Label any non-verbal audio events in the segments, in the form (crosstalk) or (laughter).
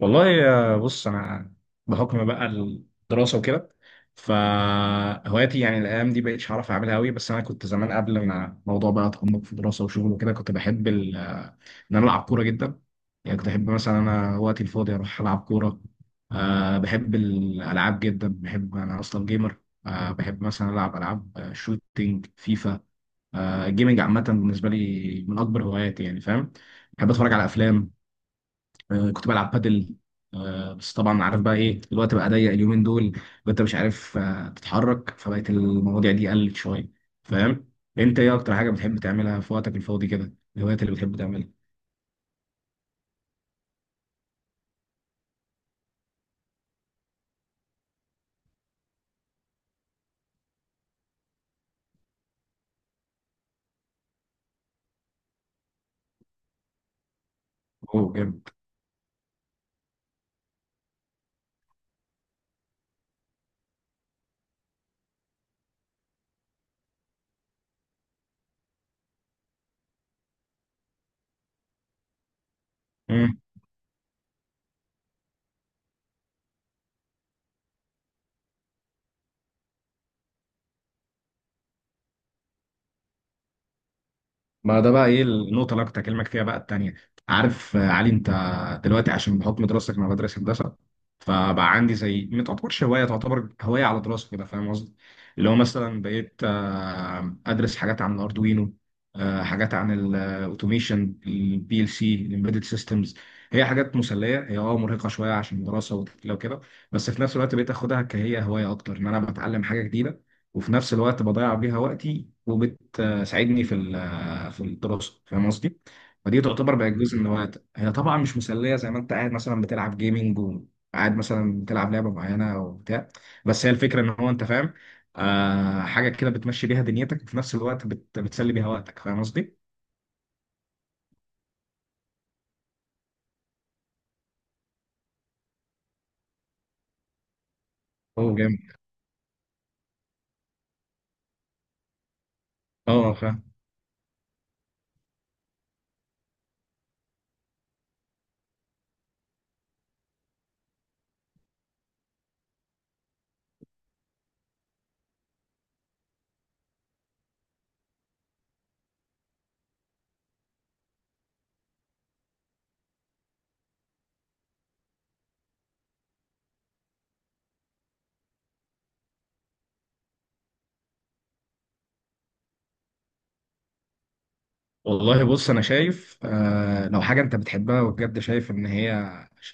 والله، بص انا بحكم بقى الدراسه وكده، فهواياتي يعني الايام دي بقيتش عارف اعملها قوي. بس انا كنت زمان قبل ما الموضوع بقى اتعمق في دراسه وشغل وكده كنت بحب ان انا العب كوره جدا. يعني كنت احب مثلا انا وقتي الفاضي اروح العب كوره. بحب الالعاب جدا، بحب انا اصلا جيمر. بحب مثلا العب العاب شوتينج، فيفا. الجيمنج عامه بالنسبه لي من اكبر هواياتي، يعني فاهم؟ بحب اتفرج على افلام. كنت بلعب بادل. بس طبعا عارف بقى ايه، الوقت بقى ضيق اليومين دول، وانت مش عارف تتحرك، فبقت المواضيع دي قلت شويه، فاهم؟ انت ايه اكتر حاجه بتحب تعملها في وقتك الفاضي كده، الهوايات اللي بتحب تعملها؟ اوه، جامد. ما ده بقى ايه النقطة اللي أنا كنت هكلمك فيها بقى التانية. عارف علي أنت؟ دلوقتي عشان بحكم دراستك، أنا بدرس هندسة، فبقى عندي زي ما تعتبرش هواية، تعتبر هواية على دراسة كده، فاهم قصدي؟ اللي هو مثلا بقيت أدرس حاجات عن الأردوينو، حاجات عن الأوتوميشن، البي ال سي، الإمبيدد سيستمز. هي حاجات مسلية، هي مرهقة شوية عشان دراسة وتقيلة وكده، بس في نفس الوقت بقيت أخدها كهي هواية أكتر، إن أنا بتعلم حاجة جديدة وفي نفس الوقت بضيع بيها وقتي، وبتساعدني في في الدراسه، فاهم قصدي؟ فدي تعتبر بقت جزء من هواياتك. هي طبعا مش مسليه زي ما انت قاعد مثلا بتلعب جيمنج وقاعد مثلا بتلعب لعبه معينه او بتاع، بس هي الفكره ان هو انت فاهم، حاجه كده بتمشي بيها دنيتك وفي نفس الوقت بتسلي بيها وقتك، فاهم قصدي؟ هو جامد. اه، فاهم. والله بص، انا شايف لو حاجه انت بتحبها وبجد شايف ان هي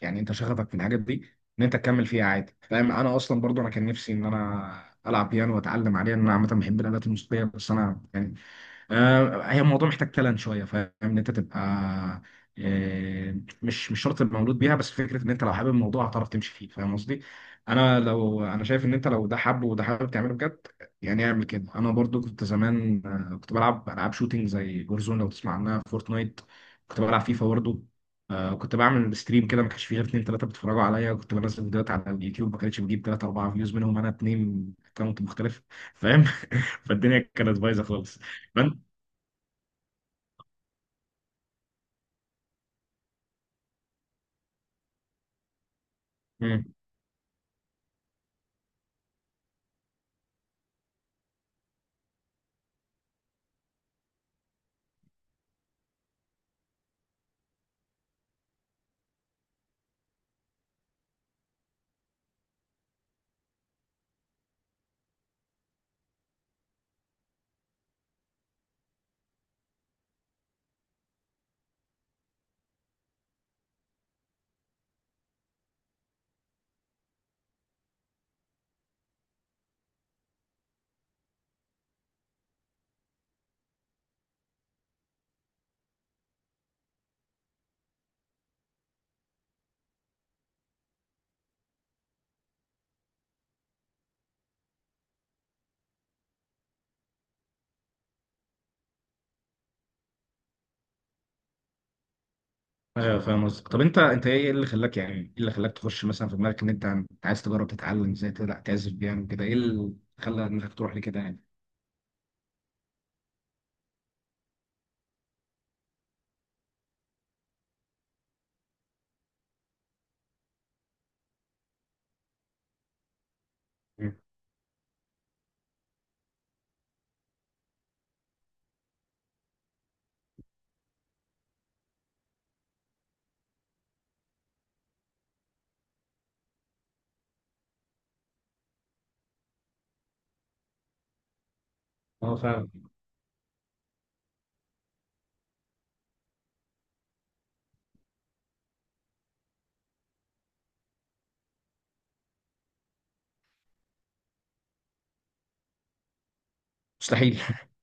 يعني انت شغفك في الحاجات دي، ان انت تكمل فيها عادي، فاهم؟ انا اصلا برضو انا كان نفسي ان انا العب بيانو واتعلم عليه، ان انا عامه بحب الالات الموسيقيه، بس انا يعني هي الموضوع محتاج تالنت شويه، فاهم؟ ان انت تبقى مش شرط تبقى مولود بيها، بس فكره ان انت لو حابب الموضوع هتعرف تمشي فيه، فاهم قصدي؟ انا لو انا شايف ان انت لو ده حابه وده حابب تعمله بجد، يعني اعمل كده. انا برضو كنت زمان، كنت بلعب العاب شوتينج زي جورزون لو تسمع عنها، فورتنايت. كنت بلعب فيفا برضو. كنت بعمل ستريم كده، ما كانش فيه غير اتنين تلاته بيتفرجوا عليا. كنت بنزل فيديوهات على اليوتيوب، ما كانتش بجيب تلاته اربعه فيوز، منهم انا اتنين اكونت مختلف، فاهم؟ (laughs) فالدنيا كانت بايظه خالص. امم. ايوه فاهم قصدك. طب انت ايه اللي خلاك، يعني ايه اللي خلاك تخش مثلا في دماغك ان انت عايز تجرب تتعلم ازاي تعزف بيانو كده، ايه اللي خلى دماغك تروح لكده يعني؟ مم. اه، فعلا. مستحيل. (laughs)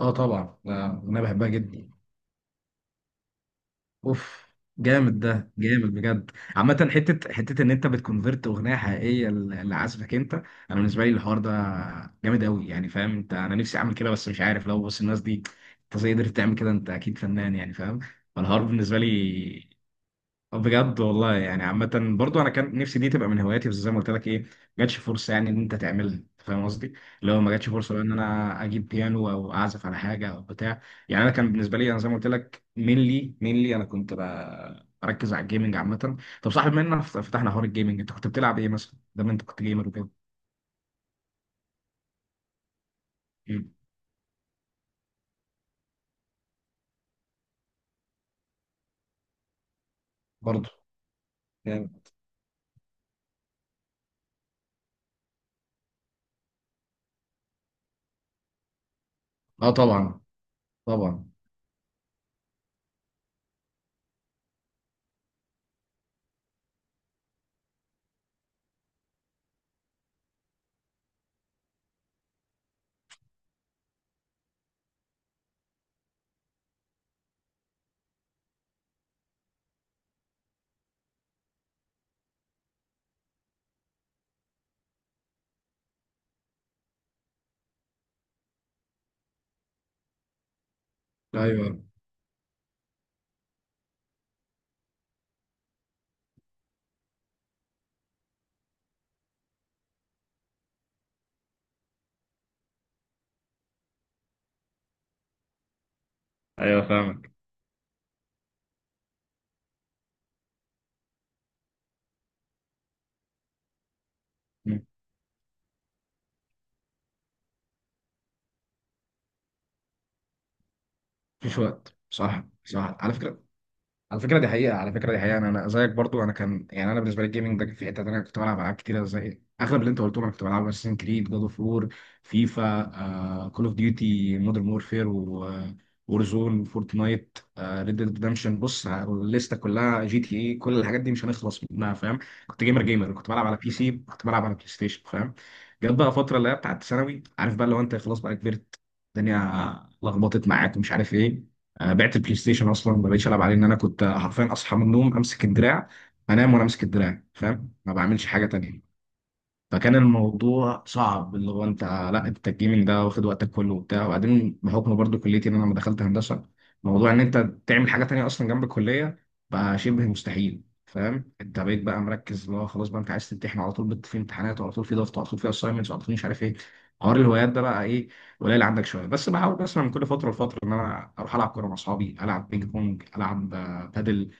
اه طبعا، انا بحبها جدا. اوف. جامد، ده جامد بجد. عامة، حتة ان انت بتكونفرت اغنية حقيقية لعزفك انت، انا بالنسبة لي الحوار ده جامد قوي، يعني فاهم؟ انت، انا نفسي اعمل كده بس مش عارف. لو بص الناس دي، انت ازاي قدرت تعمل كده؟ انت اكيد فنان، يعني فاهم؟ فالحوار بالنسبة لي بجد والله، يعني عامة برضو انا كان نفسي دي تبقى من هواياتي، بس زي ما قلت لك، ايه، ما جاتش فرصة يعني ان انت تعملها، أنت فاهم قصدي؟ لو ما جاتش فرصة بقى ان انا اجيب بيانو او اعزف على حاجة او بتاع، يعني انا كان بالنسبة لي، انا زي ما قلت لك، مينلي، انا كنت بركز على الجيمنج عامة. طب صاحب مننا فتحنا حوار الجيمنج، انت كنت بتلعب ايه مثلا؟ ده ما انت كنت جيمر وكده. مم. برضو. جامد. اه طبعا. طبعا. ايوه. ايوه فاهمك. مم. مفيش وقت، صح، صح. على فكرة، على فكره دي حقيقه، على فكره دي حقيقه. انا زيك برضو. انا كان، يعني انا بالنسبه لي الجيمنج ده في حته تانيه. كنت بلعب العاب كتيره زي اغلب اللي انت قلتهم. انا كنت بلعب اساسن كريد، جاد اوف وور، فيفا، كول اوف ديوتي مودرن وورفير، وورزون، فورتنايت، ريد ديد ريدمشن. بص الليسته كلها، جي تي اي، كل الحاجات دي مش هنخلص منها، فاهم؟ كنت جيمر جيمر، كنت بلعب على بي سي، كنت بلعب على بلاي ستيشن، فاهم؟ جت بقى فتره اللي هي بتاعت ثانوي، عارف بقى، لو انت خلاص بقى كبرت، الدنيا لخبطت معاك ومش عارف ايه. بعت البلاي ستيشن اصلا، ما بقتش العب عليه. ان انا كنت حرفيا اصحى من النوم امسك الدراع، انام وانا امسك الدراع، فاهم؟ ما بعملش حاجه تانية. فكان الموضوع صعب، اللي هو انت، لا انت الجيمنج ده واخد وقتك كله وبتاع. وبعدين بحكم برضو كليتي، ان انا لما دخلت هندسه، موضوع ان انت تعمل حاجه تانية اصلا جنب الكليه بقى شبه مستحيل، فاهم؟ انت بقيت بقى مركز، اللي هو خلاص بقى انت عايز تمتحن على طول، في امتحانات، وعلى طول في ضغط، وعلى طول في اساينمنتس، وعلى طول مش عارف ايه. حوار الهوايات ده بقى ايه، قليل عندك شويه. بس بحاول مثلا من كل فتره لفتره ان انا اروح العب كوره مع اصحابي، العب بينج بونج، العب بادل.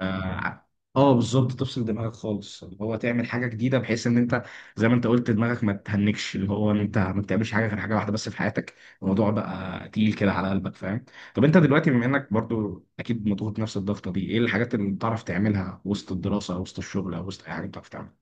اه. بالظبط، تفصل دماغك خالص، اللي هو تعمل حاجه جديده بحيث ان انت زي ما انت قلت دماغك ما تهنكش، اللي هو ان انت ما بتعملش حاجه غير حاجه واحده بس في حياتك، الموضوع بقى تقيل كده على قلبك، فاهم؟ طب انت دلوقتي، بما انك برضو اكيد مضغوط نفس الضغطه دي، ايه الحاجات اللي بتعرف تعملها وسط الدراسه او وسط الشغل او وسط اي حاجه بتعرف تعملها؟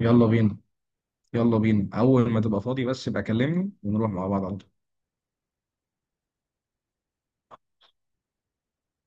يلا بينا. يلا بينا، اول ما تبقى فاضي بس يبقى كلمني ونروح مع بعض على طول.